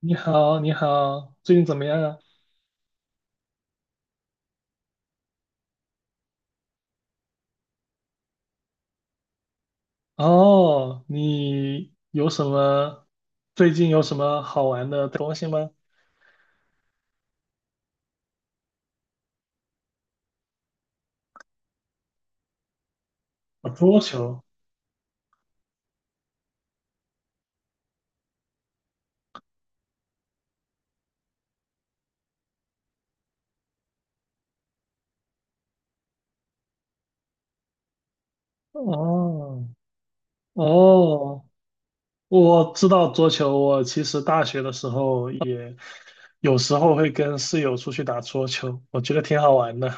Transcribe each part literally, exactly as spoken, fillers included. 你好，你好，最近怎么样啊？哦，你有什么，最近有什么好玩的东西吗？啊，桌球。哦，哦，我知道桌球。我其实大学的时候也有时候会跟室友出去打桌球，我觉得挺好玩的。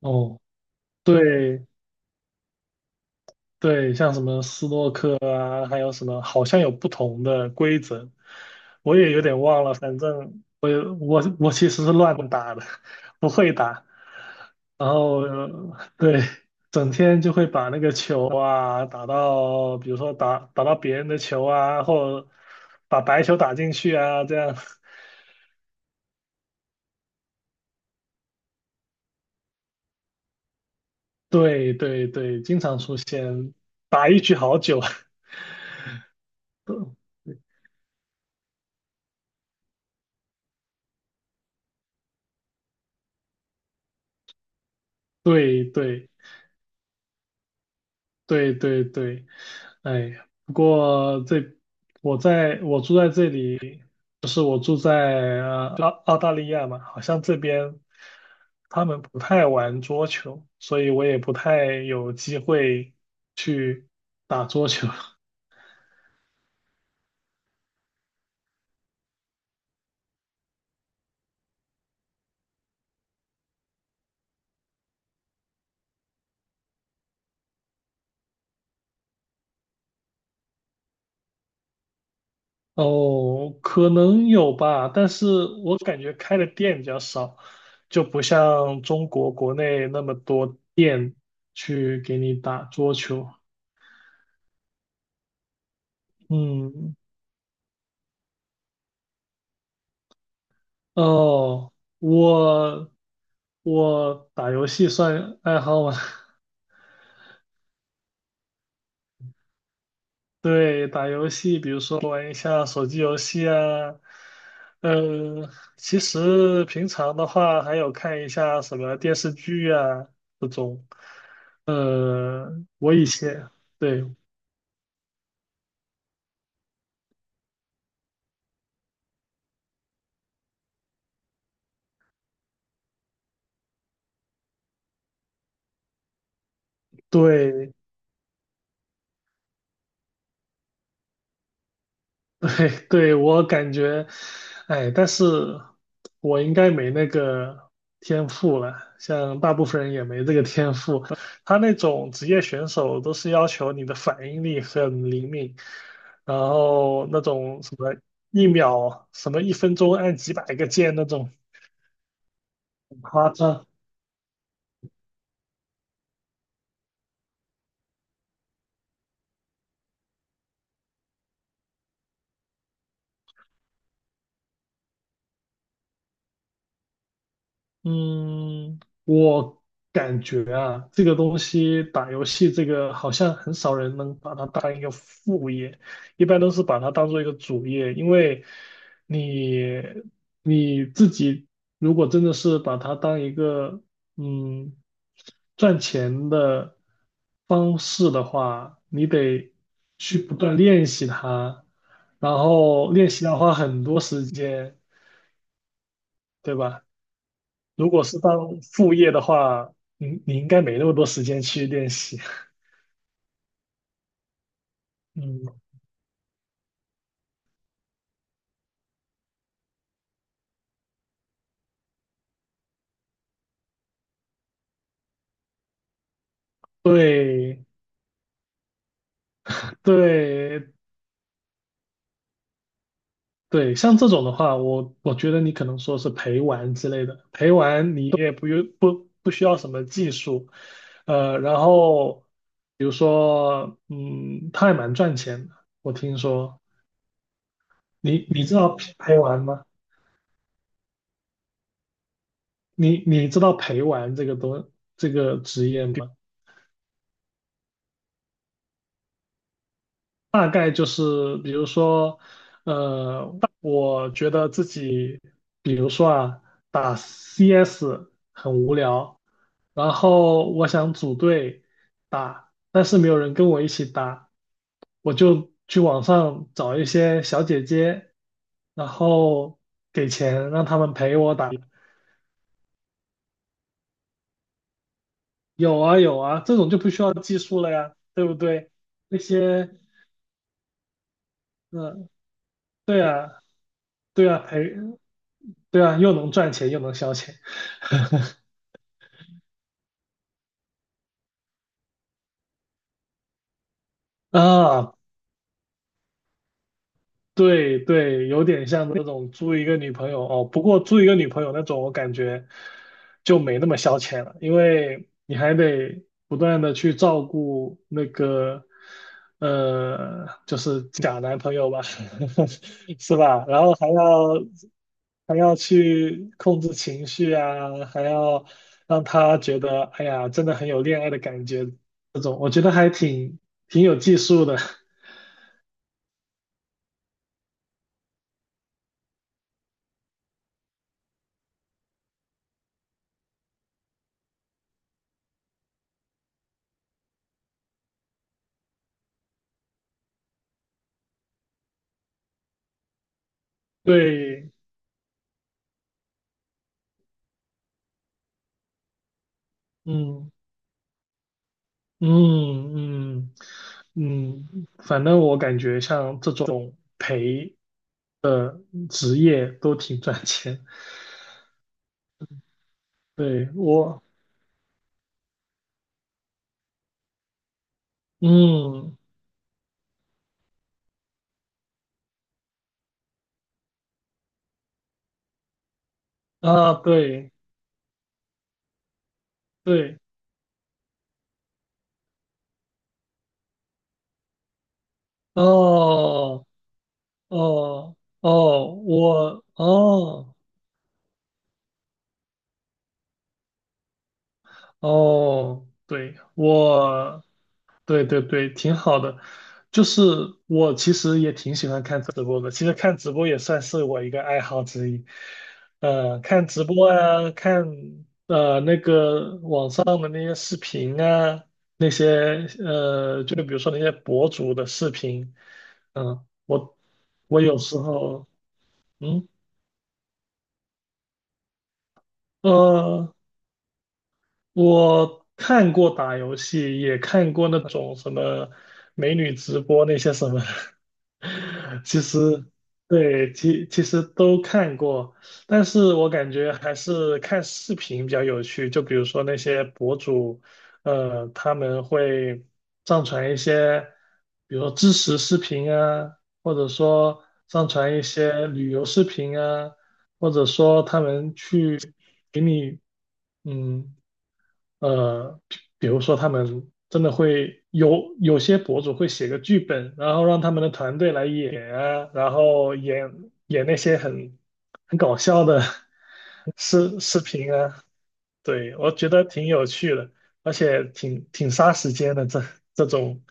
哦，对对，像什么斯诺克啊，还有什么，好像有不同的规则。我也有点忘了，反正我也我我其实是乱打的，不会打，然后呃对，整天就会把那个球啊打到，比如说打打到别人的球啊，或者把白球打进去啊，这样，对对对，经常出现，打一局好久，对对。对对对，哎呀，不过这我在我住在这里，就是我住在呃澳澳大利亚嘛，好像这边他们不太玩桌球，所以我也不太有机会去打桌球。哦，可能有吧，但是我感觉开的店比较少，就不像中国国内那么多店去给你打桌球。嗯，哦，我我打游戏算爱好吗？对，打游戏，比如说玩一下手机游戏啊，嗯，其实平常的话还有看一下什么电视剧啊这种。呃，我以前对对，哎，对，我感觉，哎，但是我应该没那个天赋了，像大部分人也没这个天赋。他那种职业选手都是要求你的反应力很灵敏，然后那种什么一秒、什么一分钟按几百个键那种很夸张。嗯，我感觉啊，这个东西打游戏这个好像很少人能把它当一个副业，一般都是把它当做一个主业，因为你你自己如果真的是把它当一个嗯赚钱的方式的话，你得去不断练习它，然后练习要花很多时间，对吧？如果是当副业的话，你你应该没那么多时间去练习。嗯，对对对，像这种的话，我我觉得你可能说是陪玩之类的，陪玩你也不用不不需要什么技术，呃，然后比如说，嗯，它还蛮赚钱的，我听说。你你知道陪陪玩吗？你你知道陪玩这个东这个职业吗？大概就是，比如说，呃，我觉得自己，比如说啊，打 C S 很无聊，然后我想组队打，但是没有人跟我一起打，我就去网上找一些小姐姐，然后给钱让他们陪我打。有啊有啊，这种就不需要技术了呀，对不对？那些，嗯、对啊，对啊，陪，对啊，又能赚钱又能消遣。啊，对对，有点像那种租一个女朋友哦。不过租一个女朋友那种，我感觉就没那么消遣了，因为你还得不断的去照顾那个，呃，就是假男朋友吧，是吧？然后还要还要去控制情绪啊，还要让他觉得，哎呀，真的很有恋爱的感觉，这种我觉得还挺挺有技术的，对。嗯，嗯嗯嗯，反正我感觉像这种陪职业都挺赚钱。对我，嗯啊，对对，哦哦哦，我哦哦，对我。对对对，挺好的。就是我其实也挺喜欢看直播的，其实看直播也算是我一个爱好之一。呃，看直播啊，看呃那个网上的那些视频啊，那些呃，就比如说那些博主的视频，嗯、我我有时候，嗯呃，我看过打游戏，也看过那种什么美女直播那些什么的 其实对，其其实都看过，但是我感觉还是看视频比较有趣。就比如说那些博主，呃，他们会上传一些，比如说知识视频啊，或者说上传一些旅游视频啊，或者说他们去给你。嗯，呃，比比如说他们真的会有有些博主会写个剧本，然后让他们的团队来演啊，然后演演那些很很搞笑的 视视频啊，对，我觉得挺有趣的，而且挺挺杀时间的这这种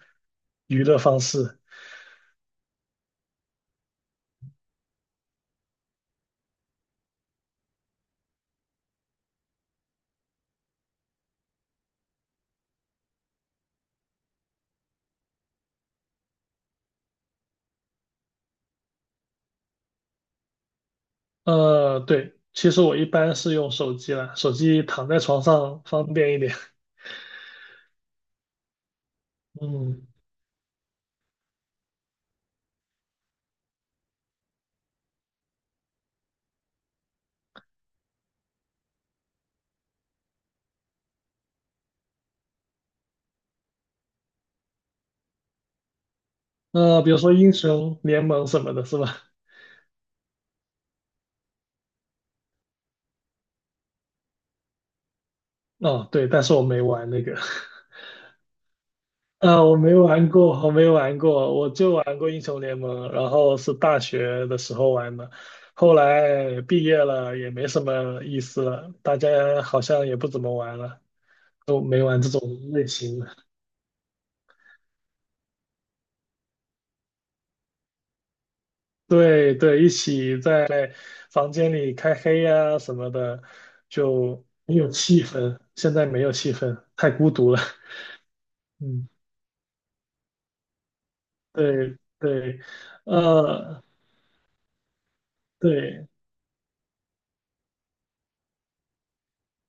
娱乐方式。呃，对，其实我一般是用手机啦，手机躺在床上方便一点。嗯，那比如说英雄联盟什么的，是吧？哦，对，但是我没玩那个，啊，我没玩过，我没玩过，我就玩过英雄联盟，然后是大学的时候玩的，后来毕业了也没什么意思了，大家好像也不怎么玩了，都没玩这种类型的。对对，一起在房间里开黑呀、什么的，就没有气氛，现在没有气氛，太孤独了。嗯，对对，呃。对，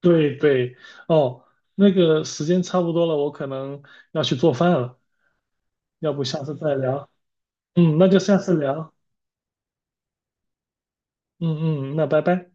对对，哦，那个时间差不多了，我可能要去做饭了，要不下次再聊。嗯，那就下次聊。嗯嗯，那拜拜。